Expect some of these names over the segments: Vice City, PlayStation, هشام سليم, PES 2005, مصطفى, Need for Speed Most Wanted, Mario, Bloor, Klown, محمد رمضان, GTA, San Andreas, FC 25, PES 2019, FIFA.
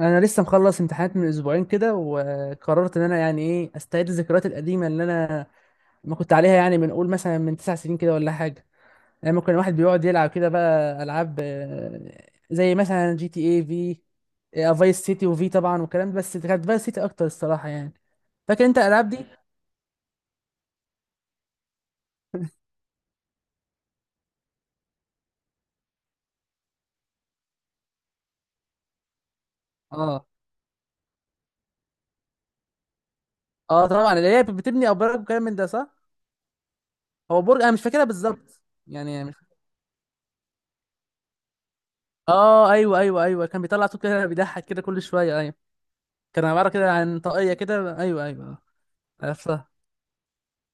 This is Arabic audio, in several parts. انا لسه مخلص امتحانات من اسبوعين كده، وقررت ان انا يعني ايه استعيد الذكريات القديمه اللي انا ما كنت عليها، يعني من قول مثلا من 9 سنين كده ولا حاجه. لما كان الواحد بيقعد يلعب كده، بقى العاب زي مثلا جي تي اي في، فايس سيتي وفي طبعا والكلام ده، بس كانت فايس سيتي اكتر الصراحه يعني. فاكر انت الالعاب دي؟ اه. اه طبعا، اللي هي بتبني ابراج وكلام من ده، صح؟ هو برج، انا مش فاكرها بالظبط. يعني مش... اه ايوه ايوه ايوه، كان بيطلع صوت كده بيضحك كده كل شويه، ايوه. كان عباره كده عن طاقيه كده، ايوه ايوه. أه، عرفتها.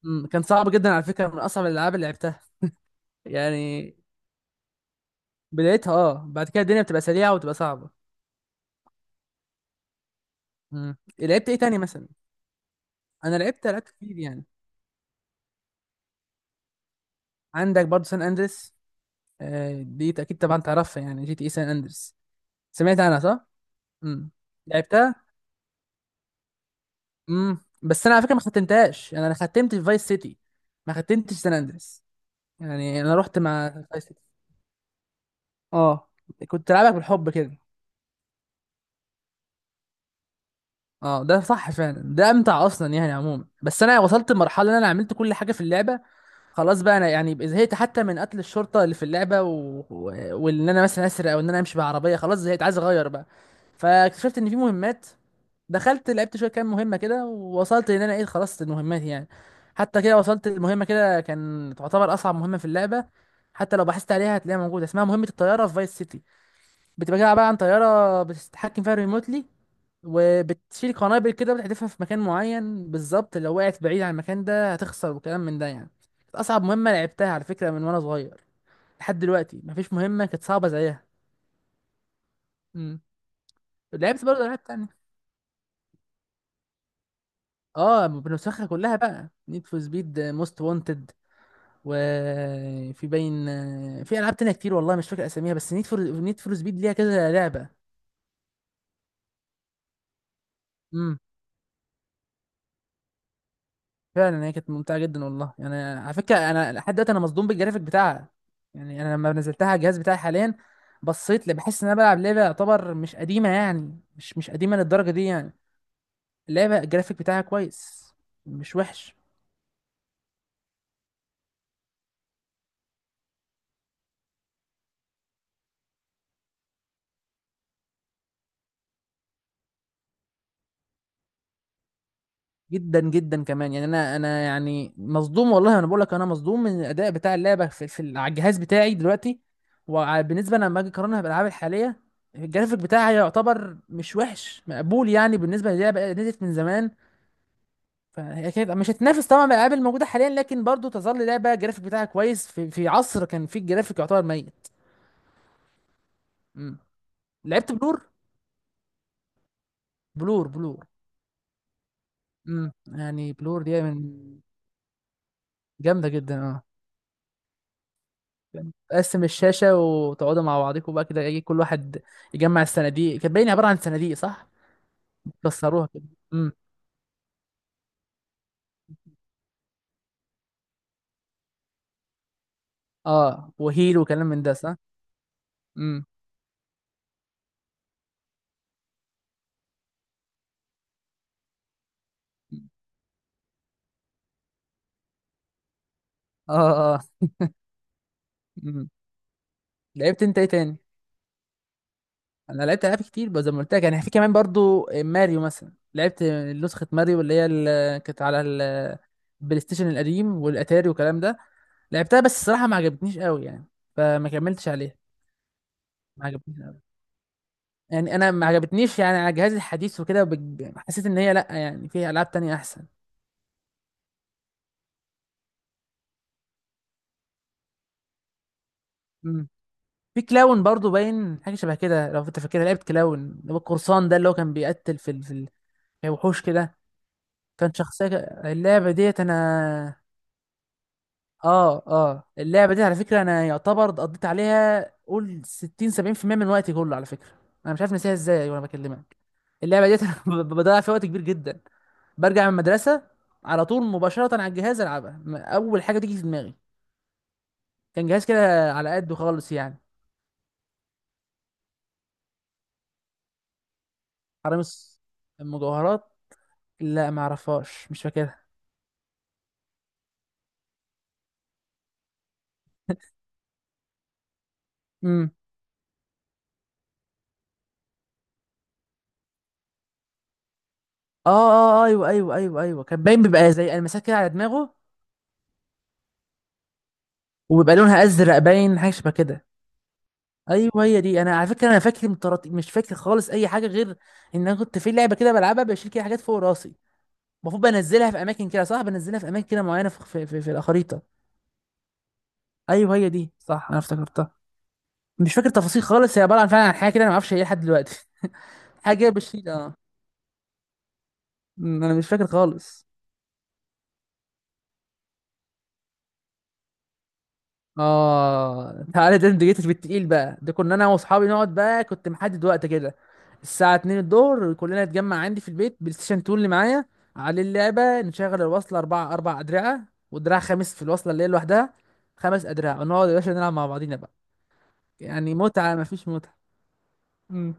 كان صعب جدا، على فكره من اصعب الالعاب اللي لعبتها. يعني بدايتها، اه، بعد كده الدنيا بتبقى سريعه وتبقى صعبه. لعبت ايه تاني مثلا؟ انا لعبت كتير يعني. عندك برضه سان اندريس، دي اكيد طبعا تعرفها، يعني جي تي اي سان اندريس. سمعت عنها، صح؟ امم لعبتها. بس انا على فكره، ما ختمتهاش. يعني انا ختمت في فايس سيتي، ما ختمتش سان اندريس. يعني انا رحت مع فايس سيتي، اه. كنت العبك بالحب كده. اه، ده صح فعلا، ده امتع اصلا يعني عموما. بس انا وصلت لمرحله ان انا عملت كل حاجه في اللعبه، خلاص بقى انا يعني زهقت، حتى من قتل الشرطه اللي في اللعبه، و... وان انا مثلا اسرق، او ان انا امشي بعربيه، خلاص زهقت عايز اغير بقى. فاكتشفت ان في مهمات، دخلت لعبت شويه كام مهمه كده، ووصلت ان انا ايه، خلصت المهمات يعني. حتى كده وصلت المهمه كده، كان تعتبر اصعب مهمه في اللعبه. حتى لو بحثت عليها هتلاقيها موجوده، اسمها مهمه الطياره في فايس سيتي. بتبقى عباره عن طياره بتتحكم فيها ريموتلي، وبتشيل قنابل كده بتحدفها في مكان معين بالظبط. لو وقعت بعيد عن المكان ده هتخسر، وكلام من ده يعني. كانت اصعب مهمه لعبتها على فكره، من وانا صغير. لحد دلوقتي مفيش مهمه كانت صعبه زيها. امم لعبت برضه العاب تانية. اه، بنسخها كلها بقى، نيد فور سبيد موست وانتد، وفي باين. في العاب تانية كتير، والله مش فاكر اساميها، بس نيد فور سبيد ليها كذا لعبه. امم فعلا هي كانت ممتعه جدا والله، يعني على فكره انا لحد دلوقتي انا مصدوم بالجرافيك بتاعها. يعني انا لما نزلتها على الجهاز بتاعي حاليا، بصيت لي بحس ان انا بلعب لعبه يعتبر مش قديمه، يعني مش قديمه للدرجه دي يعني. اللعبه الجرافيك بتاعها كويس، مش وحش. جدا جدا كمان يعني انا يعني مصدوم والله، انا بقول لك انا مصدوم من الاداء بتاع اللعبه على الجهاز بتاعي دلوقتي. وبالنسبه لما اجي اقارنها بالالعاب الحاليه، الجرافيك بتاعها يعتبر مش وحش، مقبول يعني بالنسبه للعبه نزلت من زمان. فهي كانت مش هتنافس طبعا الالعاب الموجوده حاليا، لكن برضو تظل لعبه الجرافيك بتاعها كويس في عصر كان فيه الجرافيك يعتبر ميت. امم لعبت بلور، بلور بلور. يعني بلور دي من، جامده جدا اه. تقسم الشاشه وتقعدوا مع بعضكم بقى كده، يجي كل واحد يجمع الصناديق. كانت باينه عباره عن صناديق، صح؟ كسروها كده. امم اه، وهيل وكلام من ده، صح. امم اه اه امم لعبت انت ايه تاني؟ انا لعبت العاب كتير بقى، زي ما قلت لك يعني، في كمان برضو ماريو مثلا لعبت. نسخه ماريو اللي كانت على البلاي ستيشن القديم والاتاري والكلام ده. لعبتها، بس الصراحه ما عجبتنيش قوي يعني، فما كملتش عليها. ما عجبتنيش قوي يعني. انا ما عجبتنيش يعني على جهازي الحديث وكده، حسيت ان هي لا، يعني في العاب تانية احسن. امم في كلاون برضو باين حاجه شبه كده، لو انت فاكرها. لعبت كلاون اللي هو القرصان ده، اللي هو كان بيقتل في وحوش كده. كان شخصيه. اللعبه ديت انا اه اه اللعبه دي على فكره، انا يعتبر قضيت عليها قول 60 70% من وقتي كله على فكره. انا مش عارف نسيها ازاي وانا بكلمك. اللعبه ديت انا بضيع فيها وقت كبير جدا. برجع من المدرسه على طول مباشره على الجهاز العبها، اول حاجه تيجي في دماغي. كان جهاز كده على قده خالص يعني. حرامي المجوهرات؟ لا، ما اعرفهاش، مش فاكرها. امم ايوه ايوه ايوه ايوه، كان باين بيبقى زي المسات كده على دماغه، وبيبقى لونها ازرق، باين حاجه شبه كده. ايوه هي دي. انا على فكره انا فاكر من طراطيف، مش فاكر خالص اي حاجه غير ان انا كنت في لعبه كده بلعبها، بشيل كده حاجات فوق راسي، المفروض بنزلها في اماكن كده، صح، بنزلها في اماكن كده معينه في الخريطه. ايوه هي دي صح، انا افتكرتها. مش فاكر تفاصيل خالص، هي عباره عن فعلا عن حاجه كده انا ما اعرفش هي إيه لحد دلوقتي. حاجه بشيل، اه. انا مش فاكر خالص. اه تعالى، ده انت جيتش بالتقيل بقى، ده كنا انا واصحابي نقعد بقى، كنت محدد وقت كده، الساعه 2 الظهر كلنا نتجمع عندي في البيت، بلاي ستيشن 2 اللي معايا على اللعبه. نشغل الوصله، اربعه اربع ادرعه، ودراع خامس في الوصله اللي هي لوحدها، 5 ادراع، ونقعد يا باشا نلعب مع بعضينا بقى. يعني متعه مفيش متعه. مم.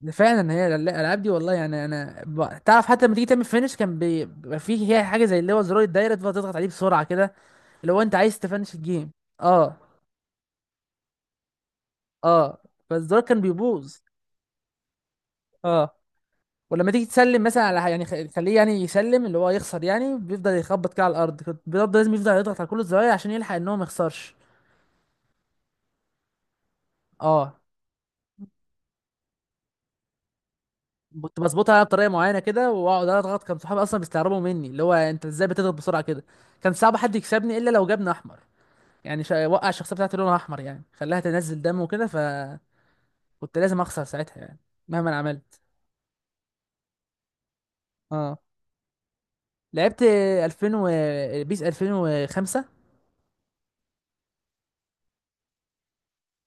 ده فعلا، هي الالعاب دي والله يعني. انا تعرف، حتى لما تيجي تعمل فينش، كان بيبقى فيه، هي حاجه زي اللي هو زرار الدايره، تفضل تضغط عليه بسرعه كده، لو انت عايز تفنش الجيم. اه اه، فالزرار كان بيبوظ. اه، ولما تيجي تسلم مثلا على يعني خليه يعني يسلم اللي هو يخسر، يعني بيفضل يخبط كده على الارض، كنت بيفضل لازم يفضل يضغط على كل الزراير عشان يلحق ان هو ما يخسرش. اه، كنت بظبطها انا بطريقه معينه كده واقعد اضغط، كان صحابي اصلا بيستغربوا مني اللي هو انت ازاي بتضغط بسرعه كده. كان صعب حد يكسبني الا لو جابني احمر. يعني وقع الشخصيه بتاعتي لونها احمر يعني، خلاها تنزل دم وكده، فكنت لازم اخسر ساعتها يعني، مهما انا عملت. اه، لعبت 2000 و بيس 2005.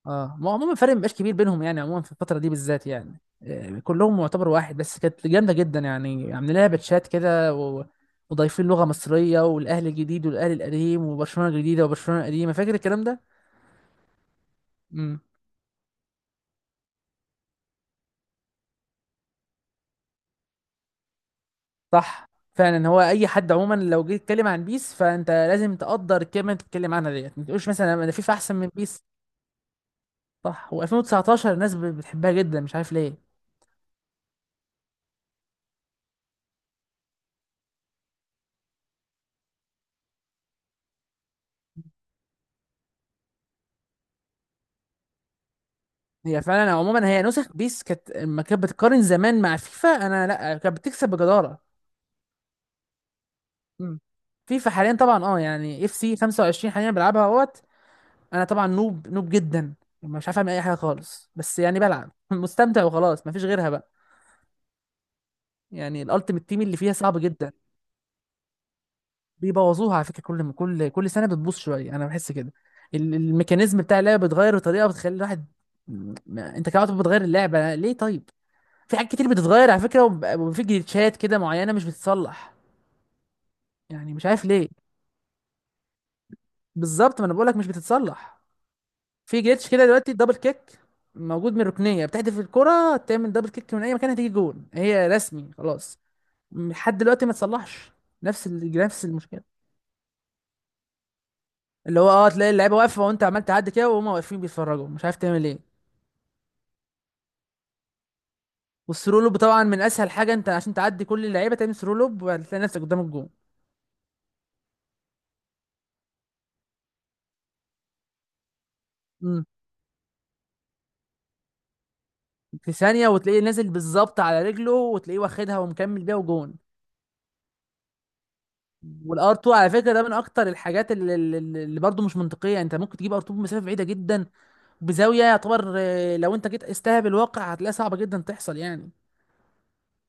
اه ما هو عموما الفرق مبقاش كبير بينهم، يعني عموما في الفترة دي بالذات يعني، كلهم معتبر واحد، بس كانت جامدة جدا يعني، عاملين لها باتشات كده وضايفين لغة مصرية والأهلي الجديد والأهلي القديم وبرشلونة الجديدة وبرشلونة القديمة، فاكر الكلام ده؟ امم صح فعلا، هو أي حد عموما لو جيت تتكلم عن بيس فأنت لازم تقدر الكلمة اللي بتتكلم عنها ديت، ما تقولش مثلا أنا فيفا أحسن من بيس. صح، و2019 الناس بتحبها جدا مش عارف ليه. هي فعلا عموما، هي نسخ بيس كانت لما كانت بتقارن زمان مع فيفا، انا لا، كانت بتكسب بجداره. مم. فيفا حاليا طبعا، اه يعني اف سي 25 حاليا بلعبها اهوت. انا طبعا نوب نوب جدا، مش عارف اعمل اي حاجه خالص، بس يعني بلعب مستمتع وخلاص، مفيش غيرها بقى. يعني الالتيميت تيم اللي فيها صعب جدا. بيبوظوها على فكره، كل سنه بتبوظ شويه، انا بحس كده. الميكانيزم بتاع اللعبه بيتغير بطريقه بتخلي الواحد، انت كده بتغير اللعبه ليه طيب؟ في حاجات كتير بتتغير على فكره، وفي جليتشات كده معينه مش بتتصلح، يعني مش عارف ليه. بالظبط، ما انا بقولك مش بتتصلح. في جليتش كده دلوقتي دبل كيك، موجود من ركنيه بتحدف الكره تعمل دبل كيك من اي مكان، هتيجي جون هي رسمي خلاص، لحد دلوقتي ما تصلحش. نفس المشكله، اللي هو، اه، تلاقي اللعيبه واقفه وانت عمال تعدي كده، وهم واقفين بيتفرجوا مش عارف تعمل ايه. والثرو لوب طبعا من اسهل حاجه، انت عشان تعدي كل اللعيبه تعمل ثرو لوب وهتلاقي نفسك قدام الجون. امم في ثانيه وتلاقيه نازل بالظبط على رجله، وتلاقيه واخدها ومكمل بيها، وجون. والار 2 على فكره، ده من اكتر الحاجات اللي برضه مش منطقيه. انت ممكن تجيب ار 2 بمسافه بعيده جدا، بزاويه يعتبر، لو انت جيت استهب الواقع هتلاقيها صعبه جدا تحصل يعني.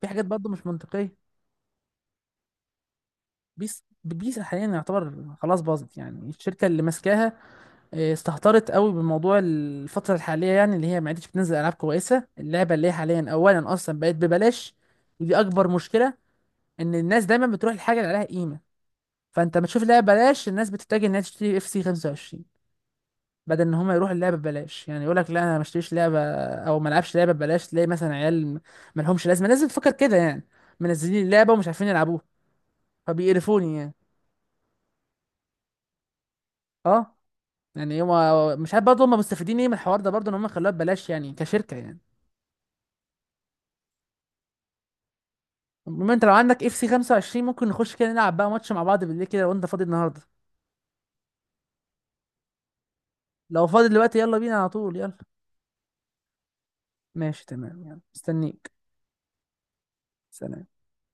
في حاجات برضه مش منطقيه. بيس حاليا يعتبر خلاص باظت، يعني الشركه اللي ماسكاها استهترت قوي بموضوع الفتره الحاليه يعني، اللي هي ما عادتش بتنزل العاب كويسه. اللعبه اللي هي حاليا اولا اصلا بقت ببلاش، ودي اكبر مشكله، ان الناس دايما بتروح الحاجه اللي عليها قيمه. فانت ما تشوف لعبه ببلاش، الناس بتتجه انها تشتري اف سي 25 بدل ان هم يروحوا اللعبه ببلاش، يعني يقول لك لا انا ما اشتريش لعبه، او ما العبش لعبه ببلاش تلاقي مثلا عيال ما لهمش لازمه، لازم تفكر كده يعني، منزلين اللعبه ومش عارفين يلعبوها، فبيقرفوني يعني. اه، يعني هما مش عارف برضه هم مستفيدين ايه من الحوار ده برضه ان هم خلوها ببلاش يعني كشركه يعني. المهم انت لو عندك اف سي 25 ممكن نخش كده نلعب بقى ماتش مع بعض بالليل كده، لو انت فاضي النهارده. لو فاضي دلوقتي، يلا بينا على طول، يلا. ماشي تمام، يلا مستنيك. سلام.